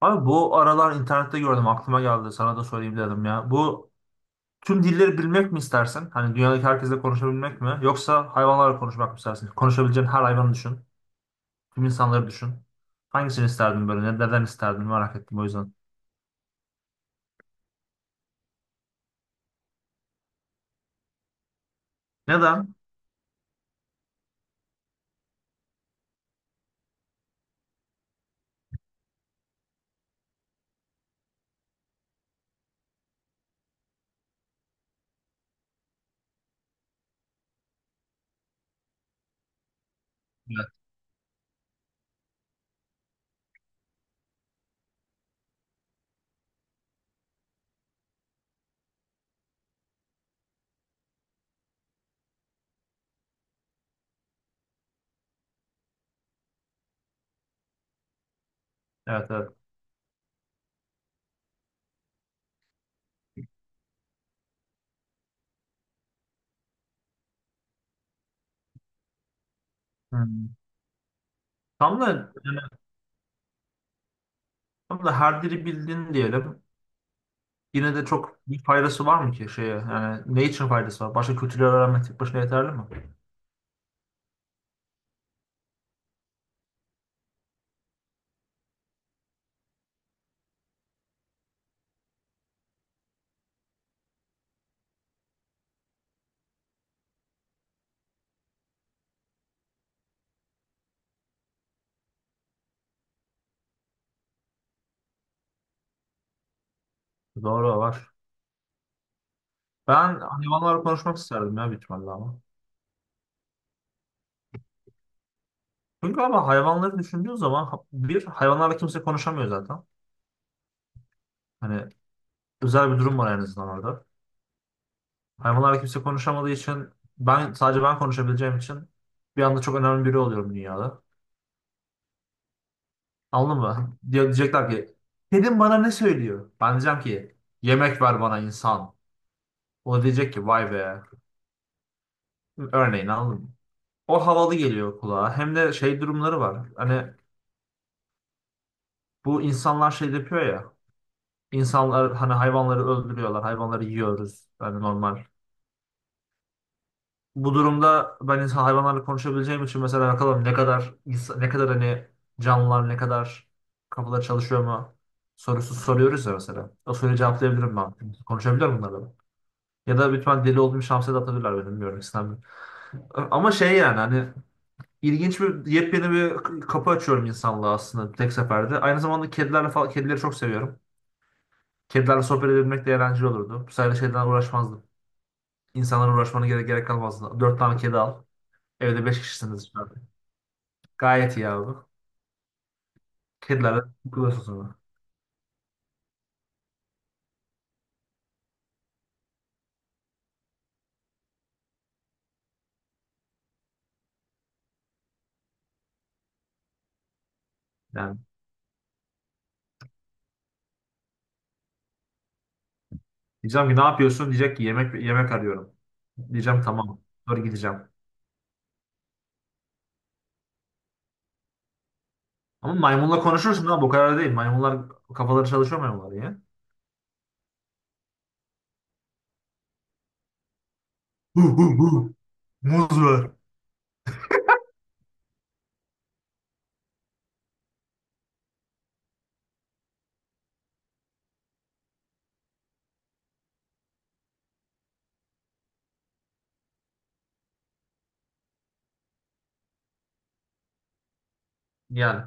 Abi, bu aralar internette gördüm, aklıma geldi sana da söyleyeyim dedim ya. Bu tüm dilleri bilmek mi istersin? Hani dünyadaki herkesle konuşabilmek mi? Yoksa hayvanlarla konuşmak mı istersin? Konuşabileceğin her hayvanı düşün. Tüm insanları düşün. Hangisini isterdin böyle? Neden isterdin? Merak ettim, o yüzden. Neden? Evet. Evet, evet. Hmm. Tam da, yani, tam da her dili bildin diyelim. Yine de çok bir faydası var mı ki şeye? Yani ne için faydası var? Başka kültürleri öğrenmek tek başına yeterli mi? Doğru var. Ben hayvanlarla konuşmak isterdim ya, büyük ihtimalle ama. Çünkü ama hayvanları düşündüğün zaman bir hayvanlarla kimse konuşamıyor zaten. Hani özel bir durum var en azından orada. Hayvanlarla kimse konuşamadığı için, ben sadece ben konuşabileceğim için, bir anda çok önemli biri oluyorum dünyada. Anladın mı? Hani diyecekler ki kedim bana ne söylüyor? Ben diyeceğim ki yemek ver bana insan. O da diyecek ki vay be. Örneğin, anladın mı? O havalı geliyor kulağa. Hem de şey durumları var. Hani bu insanlar şey yapıyor ya. İnsanlar hani hayvanları öldürüyorlar. Hayvanları yiyoruz. Yani normal. Bu durumda ben insan hayvanlarla konuşabileceğim için mesela bakalım ne kadar hani canlılar, ne kadar kafaları çalışıyor mu sorusu soruyoruz ya mesela. O soruyu cevaplayabilirim ben. Konuşabilir miyim bunlarla ben? Ya da lütfen deli olduğum şamsa da atabilirler beni, bilmiyorum, istemiyorum. Ama şey, yani hani, ilginç bir yepyeni bir kapı açıyorum insanlığa aslında tek seferde. Aynı zamanda kedilerle falan, kedileri çok seviyorum. Kedilerle sohbet edebilmek de eğlenceli olurdu. Bu sayede şeyden uğraşmazdım. İnsanlara uğraşmana gerek kalmazdı. Dört tane kedi al. Evde beş kişisiniz. Gayet iyi abi. Kedilerle takılıyorsun sonra. Yani diyeceğim ki ne yapıyorsun? Diyecek ki yemek yemek arıyorum. Diyeceğim tamam. Sonra gideceğim. Ama maymunla konuşursun abi, o kadar değil. Maymunlar, kafaları çalışıyor maymunlar ya. Hu hu hu. Muz ver. Yani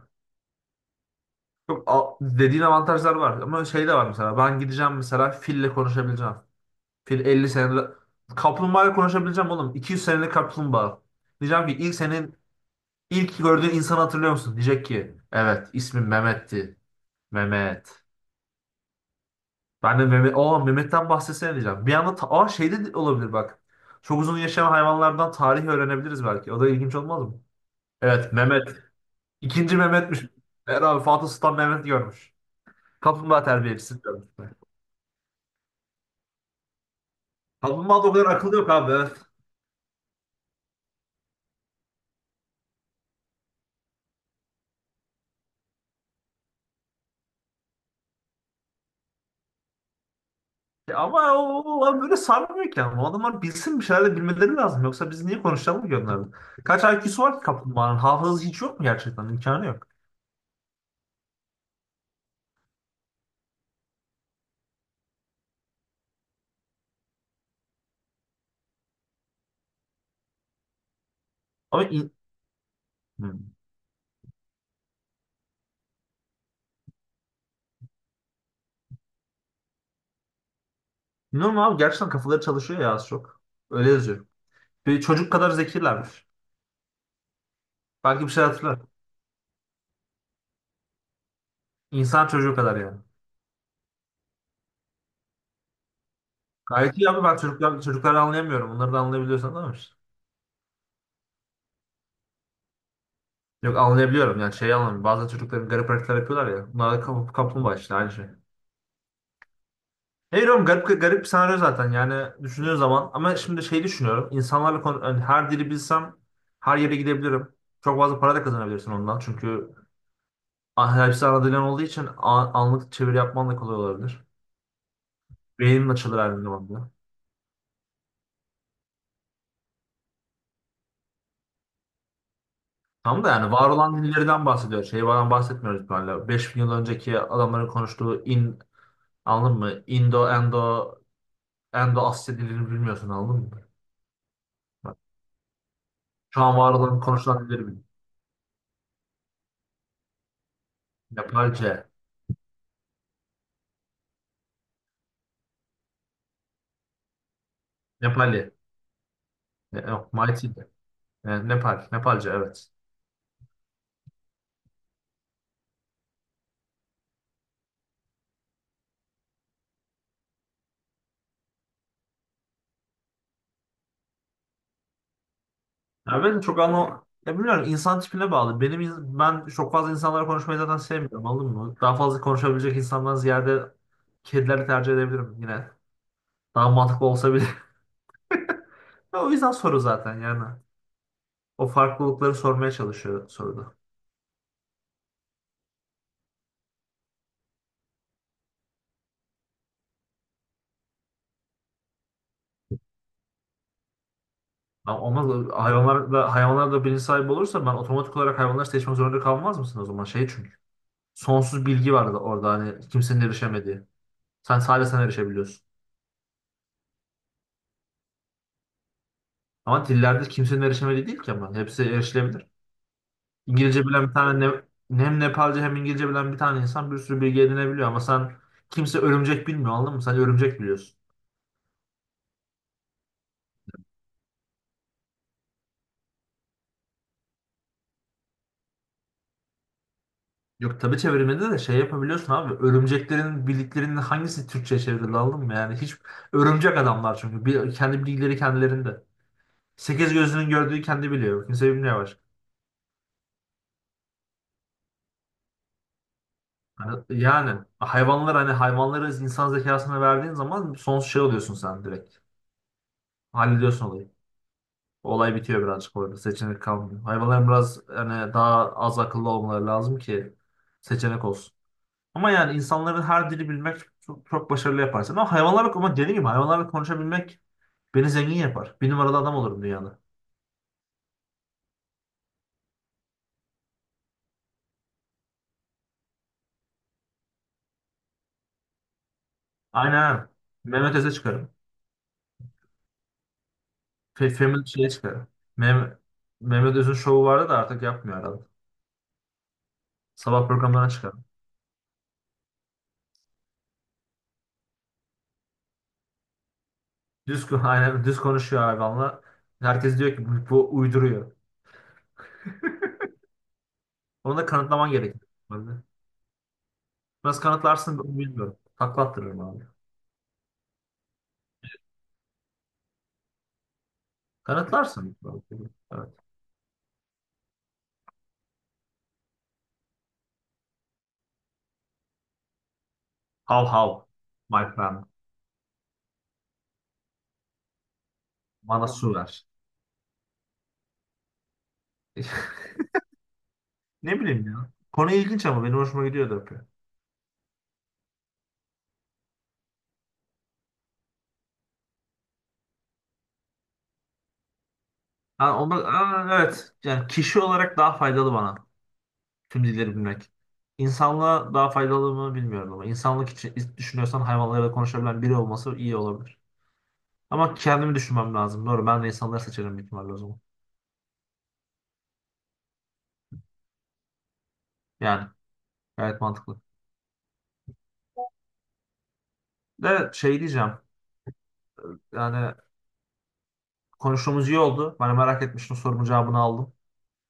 çok dediğin avantajlar var ama şey de var, mesela ben gideceğim, mesela fille konuşabileceğim. Fil 50 senelik kaplumbağayla konuşabileceğim oğlum. 200 senelik kaplumbağa. Diyeceğim ki senin ilk gördüğün insanı hatırlıyor musun? Diyecek ki evet, ismim Mehmet'ti. Mehmet. Ben de Mehmet, Mehmet'ten bahsetsene diyeceğim. Bir anda şey de olabilir bak. Çok uzun yaşayan hayvanlardan tarih öğrenebiliriz belki. O da ilginç olmaz mı? Evet Mehmet. İkinci Mehmet'miş. Her abi Fatih Sultan Mehmet görmüş. Kaplumbağa terbiyecisi görmüş. Kaplumbağa da o kadar akıllı yok abi. Evet. Ya ama o adam böyle sarmıyor ki ama. O adamlar bilsin, bir şeyler de bilmeleri lazım. Yoksa biz niye konuşalım ki onlarla? Kaç IQ'su var ki kaplumbağanın? Hafızası hiç yok mu gerçekten? İmkanı yok. Ama in... Hmm. Bilmiyorum abi, gerçekten kafaları çalışıyor ya az çok. Öyle yazıyor. Ve çocuk kadar zekilermiş. Belki bir şey hatırlar. İnsan çocuğu kadar yani. Gayet iyi abi. Ben çocukları anlayamıyorum. Onları da anlayabiliyorsan anlamış. Yok, anlayabiliyorum, yani şeyi anlamıyorum. Bazen çocukların garip hareketler yapıyorlar ya. Bunlar da kaplumbağa işte, aynı şey. Hayır oğlum, garip bir senaryo zaten yani düşündüğün zaman. Ama şimdi şey düşünüyorum. İnsanlarla konu, yani her dili bilsem her yere gidebilirim. Çok fazla para da kazanabilirsin ondan. Çünkü hepsi ana dilin olduğu için anlık çeviri yapman da kolay olabilir. Beynin açılır her zaman. Tam da yani var olan dillerden bahsediyor. Şey falan bahsetmiyoruz böyle. 5 bin yıl önceki adamların konuştuğu anladın mı? Endo Asya dilini bilmiyorsun, anladın mı? Şu an var olan konuşulan dilleri bil. Nepalce, Nepali, ne, yok, Maiti de. Nepal, Nepalce, evet. Ya ben çok anlam, ya bilmiyorum, insan tipine bağlı. Benim ben çok fazla insanlarla konuşmayı zaten sevmiyorum, anladın mı? Daha fazla konuşabilecek insandan ziyade kedileri tercih edebilirim yine. Daha mantıklı olsa. O yüzden soru zaten yani. O farklılıkları sormaya çalışıyor soruda. Ama olmaz, hayvanlarla bilinç sahibi olursa ben otomatik olarak hayvanları seçmek zorunda kalmaz mısın o zaman? Şey çünkü. Sonsuz bilgi var da orada hani kimsenin erişemediği. Sen sadece sen erişebiliyorsun. Ama dillerde kimsenin erişemediği değil ki ama. Hepsi erişilebilir. İngilizce bilen bir tane, ne, hem Nepalce hem İngilizce bilen bir tane insan bir sürü bilgi edinebiliyor, ama sen, kimse örümcek bilmiyor, anladın mı? Sen örümcek biliyorsun. Yok tabii, çevirmede de şey yapabiliyorsun abi. Örümceklerin bildiklerinin hangisi Türkçe çevrildi, anladın mı? Yani hiç, örümcek adamlar çünkü. Bir, kendi bilgileri kendilerinde. Sekiz gözünün gördüğü kendi biliyor. Kimse bilmiyor başka. Hani, yani hayvanlar hani hayvanları insan zekasına verdiğin zaman sonsuz şey oluyorsun sen direkt. Hallediyorsun olayı. Olay bitiyor birazcık orada. Seçenek kalmıyor. Hayvanların biraz hani daha az akıllı olmaları lazım ki seçenek olsun. Ama yani insanların her dili bilmek çok, çok başarılı yaparsın. Ama hayvanlarla, ama dediğim gibi hayvanlarla konuşabilmek beni zengin yapar. Bir numaralı adam olurum dünyada. Aynen. Mehmet Öz'e çıkarım. Femin şeye çıkarım. Mehmet, Mehmet Öz'ün şovu vardı da artık yapmıyor herhalde. Sabah programlarına çıkarım. Düz, aynen, düz konuşuyor hayvanla. Herkes diyor ki bu uyduruyor. Onu da kanıtlaman gerekiyor. Normalde. Nasıl kanıtlarsın ben bilmiyorum. Takla attırırım abi. Kanıtlarsın. Evet. Hav hav. My friend. Bana su ver. Ne bileyim ya. Konu ilginç ama benim hoşuma gidiyor da yapıyor. Ha, onda, evet. Yani kişi olarak daha faydalı bana tüm dilleri bilmek. İnsanlığa daha faydalı mı bilmiyorum, ama insanlık için düşünüyorsan hayvanlarla konuşabilen biri olması iyi olabilir. Ama kendimi düşünmem lazım. Doğru, ben de insanları seçerim büyük ihtimalle o zaman. Yani gayet mantıklı. De şey diyeceğim. Yani konuştuğumuz iyi oldu. Ben merak etmiştim, sorumun cevabını aldım.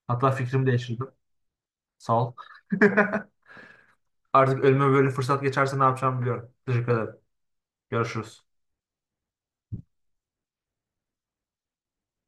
Hatta fikrimi değiştirdim. Sağ ol. Artık ölüme böyle fırsat geçerse ne yapacağımı biliyorum. Teşekkür ederim. Görüşürüz.